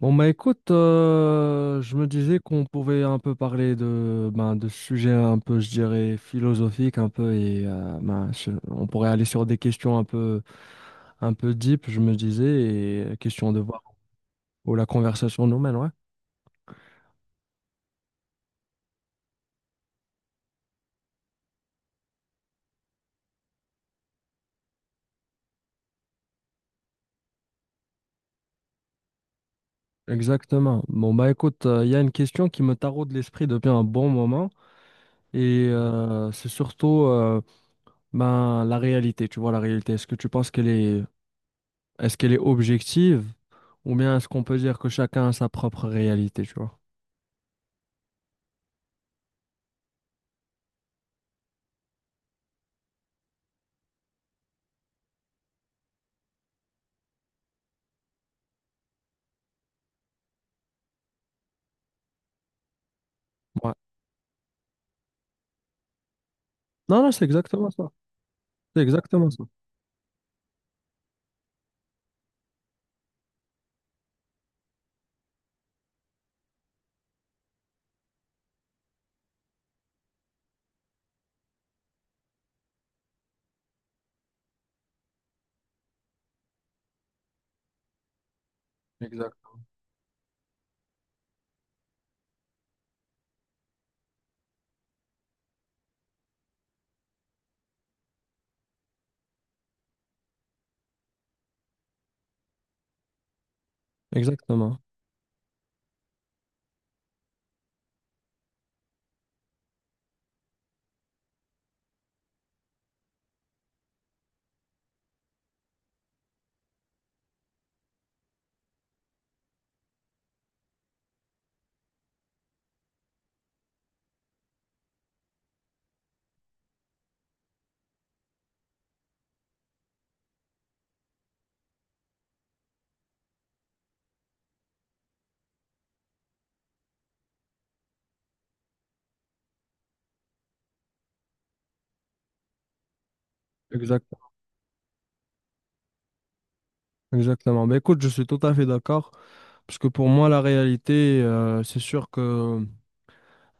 Bon bah écoute, je me disais qu'on pouvait un peu parler de de sujets un peu, je dirais, philosophiques un peu et on pourrait aller sur des questions un peu deep, je me disais, et question de voir où la conversation nous mène, ouais. Exactement. Bon bah écoute, il y a une question qui me taraude l'esprit depuis un bon moment et c'est surtout ben, la réalité, tu vois, la réalité, est-ce qu'elle est objective ou bien est-ce qu'on peut dire que chacun a sa propre réalité, tu vois? Ouais. Non, c'est exactement ça. C'est exactement ça. Exact. Exactement. Exact. Exactement. Ben, écoute, je suis tout à fait d'accord parce que pour moi, la réalité, c'est sûr que,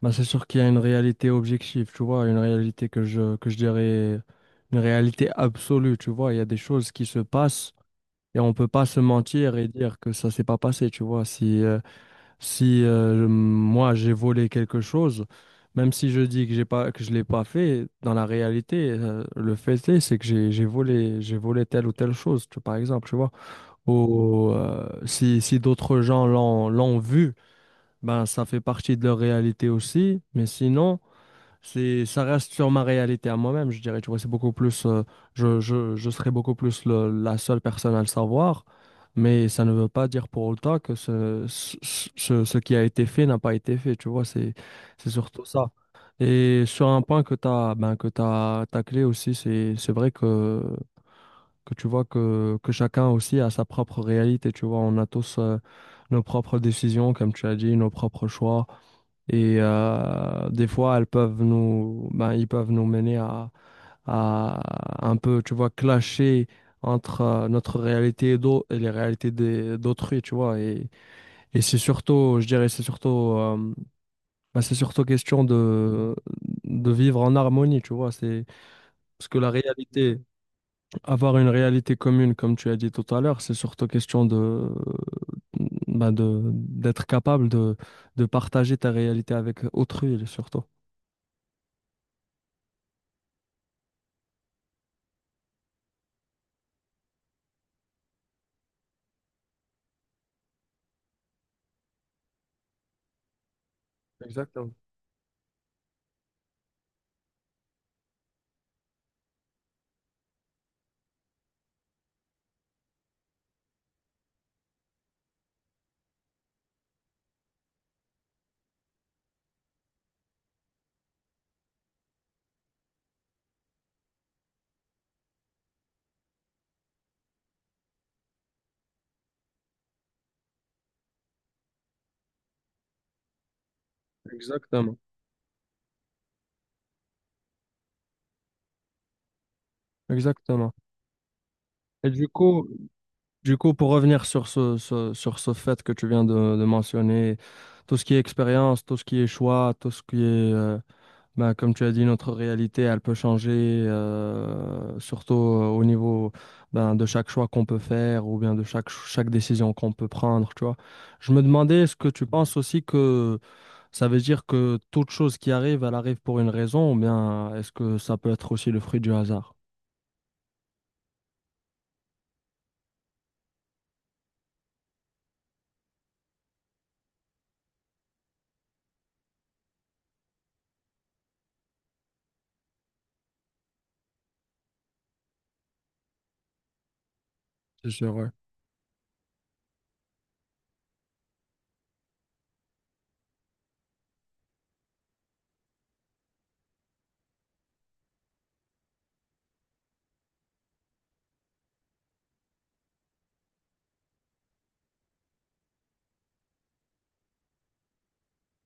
ben, c'est sûr qu'il y a une réalité objective, tu vois, une réalité que je dirais, une réalité absolue, tu vois. Il y a des choses qui se passent. Et on peut pas se mentir et dire que ça s'est pas passé, tu vois. Si moi j'ai volé quelque chose, même si je dis que je l'ai pas fait, dans la réalité, le fait est, c'est que j'ai volé telle ou telle chose, par exemple, tu vois. Ou si d'autres gens l'ont vu, ben ça fait partie de leur réalité aussi. Mais sinon. Ça reste sur ma réalité à moi-même, je dirais. Tu vois, c'est beaucoup plus, je serais beaucoup plus la seule personne à le savoir, mais ça ne veut pas dire pour autant que ce qui a été fait n'a pas été fait. Tu vois, c'est surtout ça. Et sur un point que que t'as taclé aussi, c'est vrai que tu vois que chacun aussi a sa propre réalité. Tu vois, on a tous, nos propres décisions, comme tu as dit, nos propres choix. Et des fois, elles peuvent nous, ben, ils peuvent nous mener à un peu, tu vois, clasher entre notre réalité et, et les réalités d'autrui, tu vois. Et c'est surtout, je dirais, euh, c'est surtout question de vivre en harmonie, tu vois. Parce que la réalité, avoir une réalité commune, comme tu as dit tout à l'heure, c'est surtout question de, d'être capable de partager ta réalité avec autrui, surtout. Exactement, exactement, exactement. Et du coup, pour revenir sur sur ce fait que tu viens de mentionner, tout ce qui est expérience, tout ce qui est choix, tout ce qui est, comme tu as dit, notre réalité, elle peut changer, surtout au niveau ben, de chaque choix qu'on peut faire ou bien de chaque décision qu'on peut prendre, tu vois. Je me demandais, est-ce que tu penses aussi que ça veut dire que toute chose qui arrive, elle arrive pour une raison ou bien est-ce que ça peut être aussi le fruit du hasard? C'est sûr, ouais.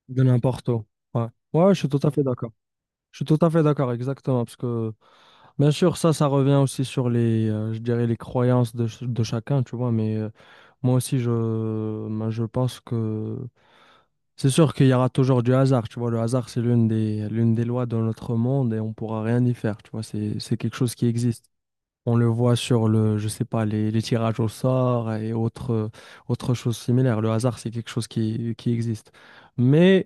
De n'importe où. Ouais. Ouais, je suis tout à fait d'accord. Je suis tout à fait d'accord, exactement. Parce que, bien sûr, ça revient aussi sur les, je dirais, les croyances de, de chacun, tu vois. Mais moi aussi, je, ben, je pense que c'est sûr qu'il y aura toujours du hasard, tu vois. Le hasard, c'est l'une des lois de notre monde et on pourra rien y faire, tu vois. C'est quelque chose qui existe. On le voit sur le, je sais pas, les tirages au sort et autres, autres choses similaires. Le hasard, c'est quelque chose qui existe. Mais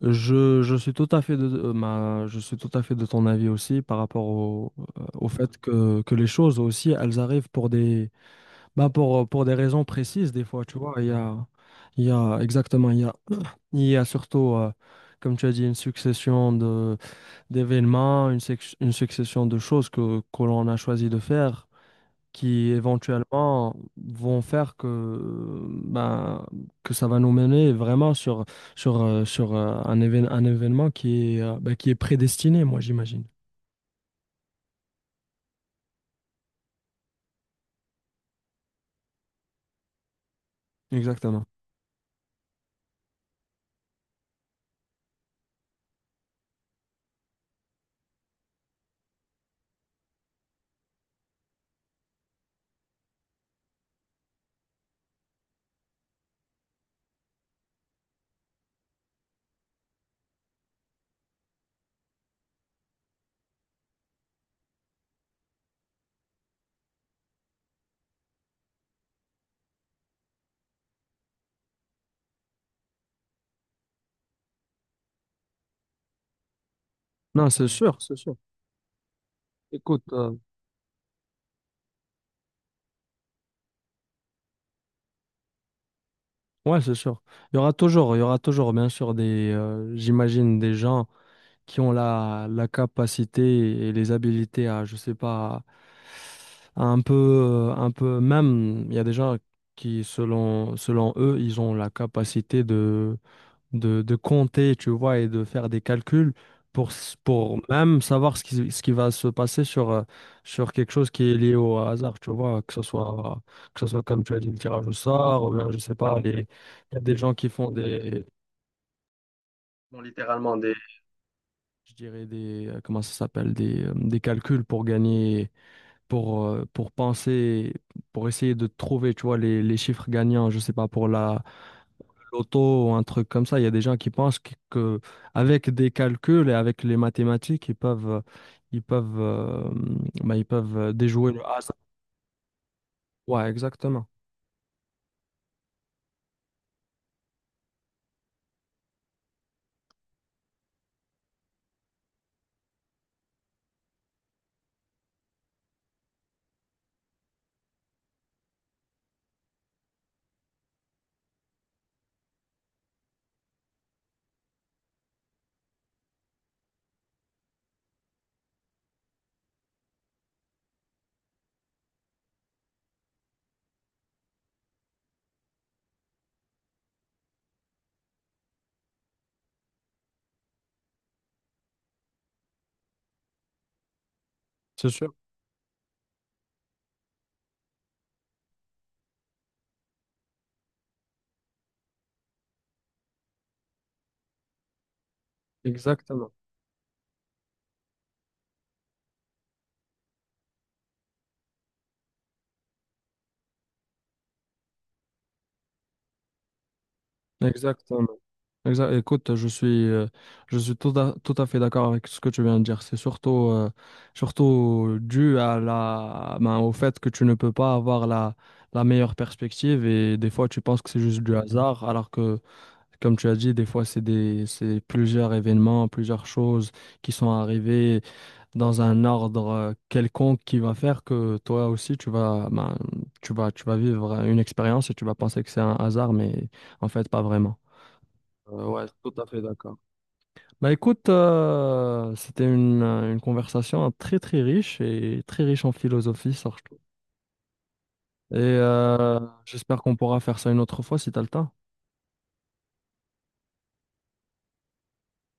je suis tout à fait je suis tout à fait de ton avis aussi par rapport au, au fait que les choses aussi, elles arrivent pour des, bah pour des raisons précises des fois, tu vois. Il y a exactement, il y a, il y a surtout, comme tu as dit, une succession de, d'événements, une succession de choses que l'on a choisi de faire qui éventuellement vont faire que, que ça va nous mener vraiment un événement qui est, qui est prédestiné, moi j'imagine. Exactement. Non, c'est sûr, c'est sûr. Écoute, ouais, c'est sûr. Il y aura toujours, bien sûr, des, j'imagine, des gens qui ont la capacité et les habilités à, je sais pas, à un peu, même, il y a des gens qui, selon eux, ils ont la capacité de, de compter, tu vois, et de faire des calculs pour, pour même savoir ce qui va se passer sur, sur quelque chose qui est lié au hasard, tu vois, que ce soit comme tu as dit, le tirage au sort, ou bien, je sais pas, il y a des gens qui font des, littéralement je dirais des, comment ça s'appelle, des calculs pour gagner, pour penser, pour essayer de trouver, tu vois, les chiffres gagnants, je sais pas, pour la loto ou un truc comme ça. Il y a des gens qui pensent que avec des calculs et avec les mathématiques, ils peuvent, euh, ils peuvent déjouer le hasard. Ouais, exactement. C'est sûr. Exactement. Exactement. Écoute, je suis tout à, tout à fait d'accord avec ce que tu viens de dire. C'est surtout, surtout dû à la, ben, au fait que tu ne peux pas avoir la meilleure perspective et des fois tu penses que c'est juste du hasard, alors que, comme tu as dit, des fois c'est des, c'est plusieurs événements, plusieurs choses qui sont arrivées dans un ordre quelconque qui va faire que toi aussi tu vas vivre une expérience et tu vas penser que c'est un hasard, mais en fait pas vraiment. Ouais, tout à fait d'accord. Bah écoute, une conversation hein, très très riche et très riche en philosophie, ça, je trouve. Et j'espère qu'on pourra faire ça une autre fois si t'as le temps.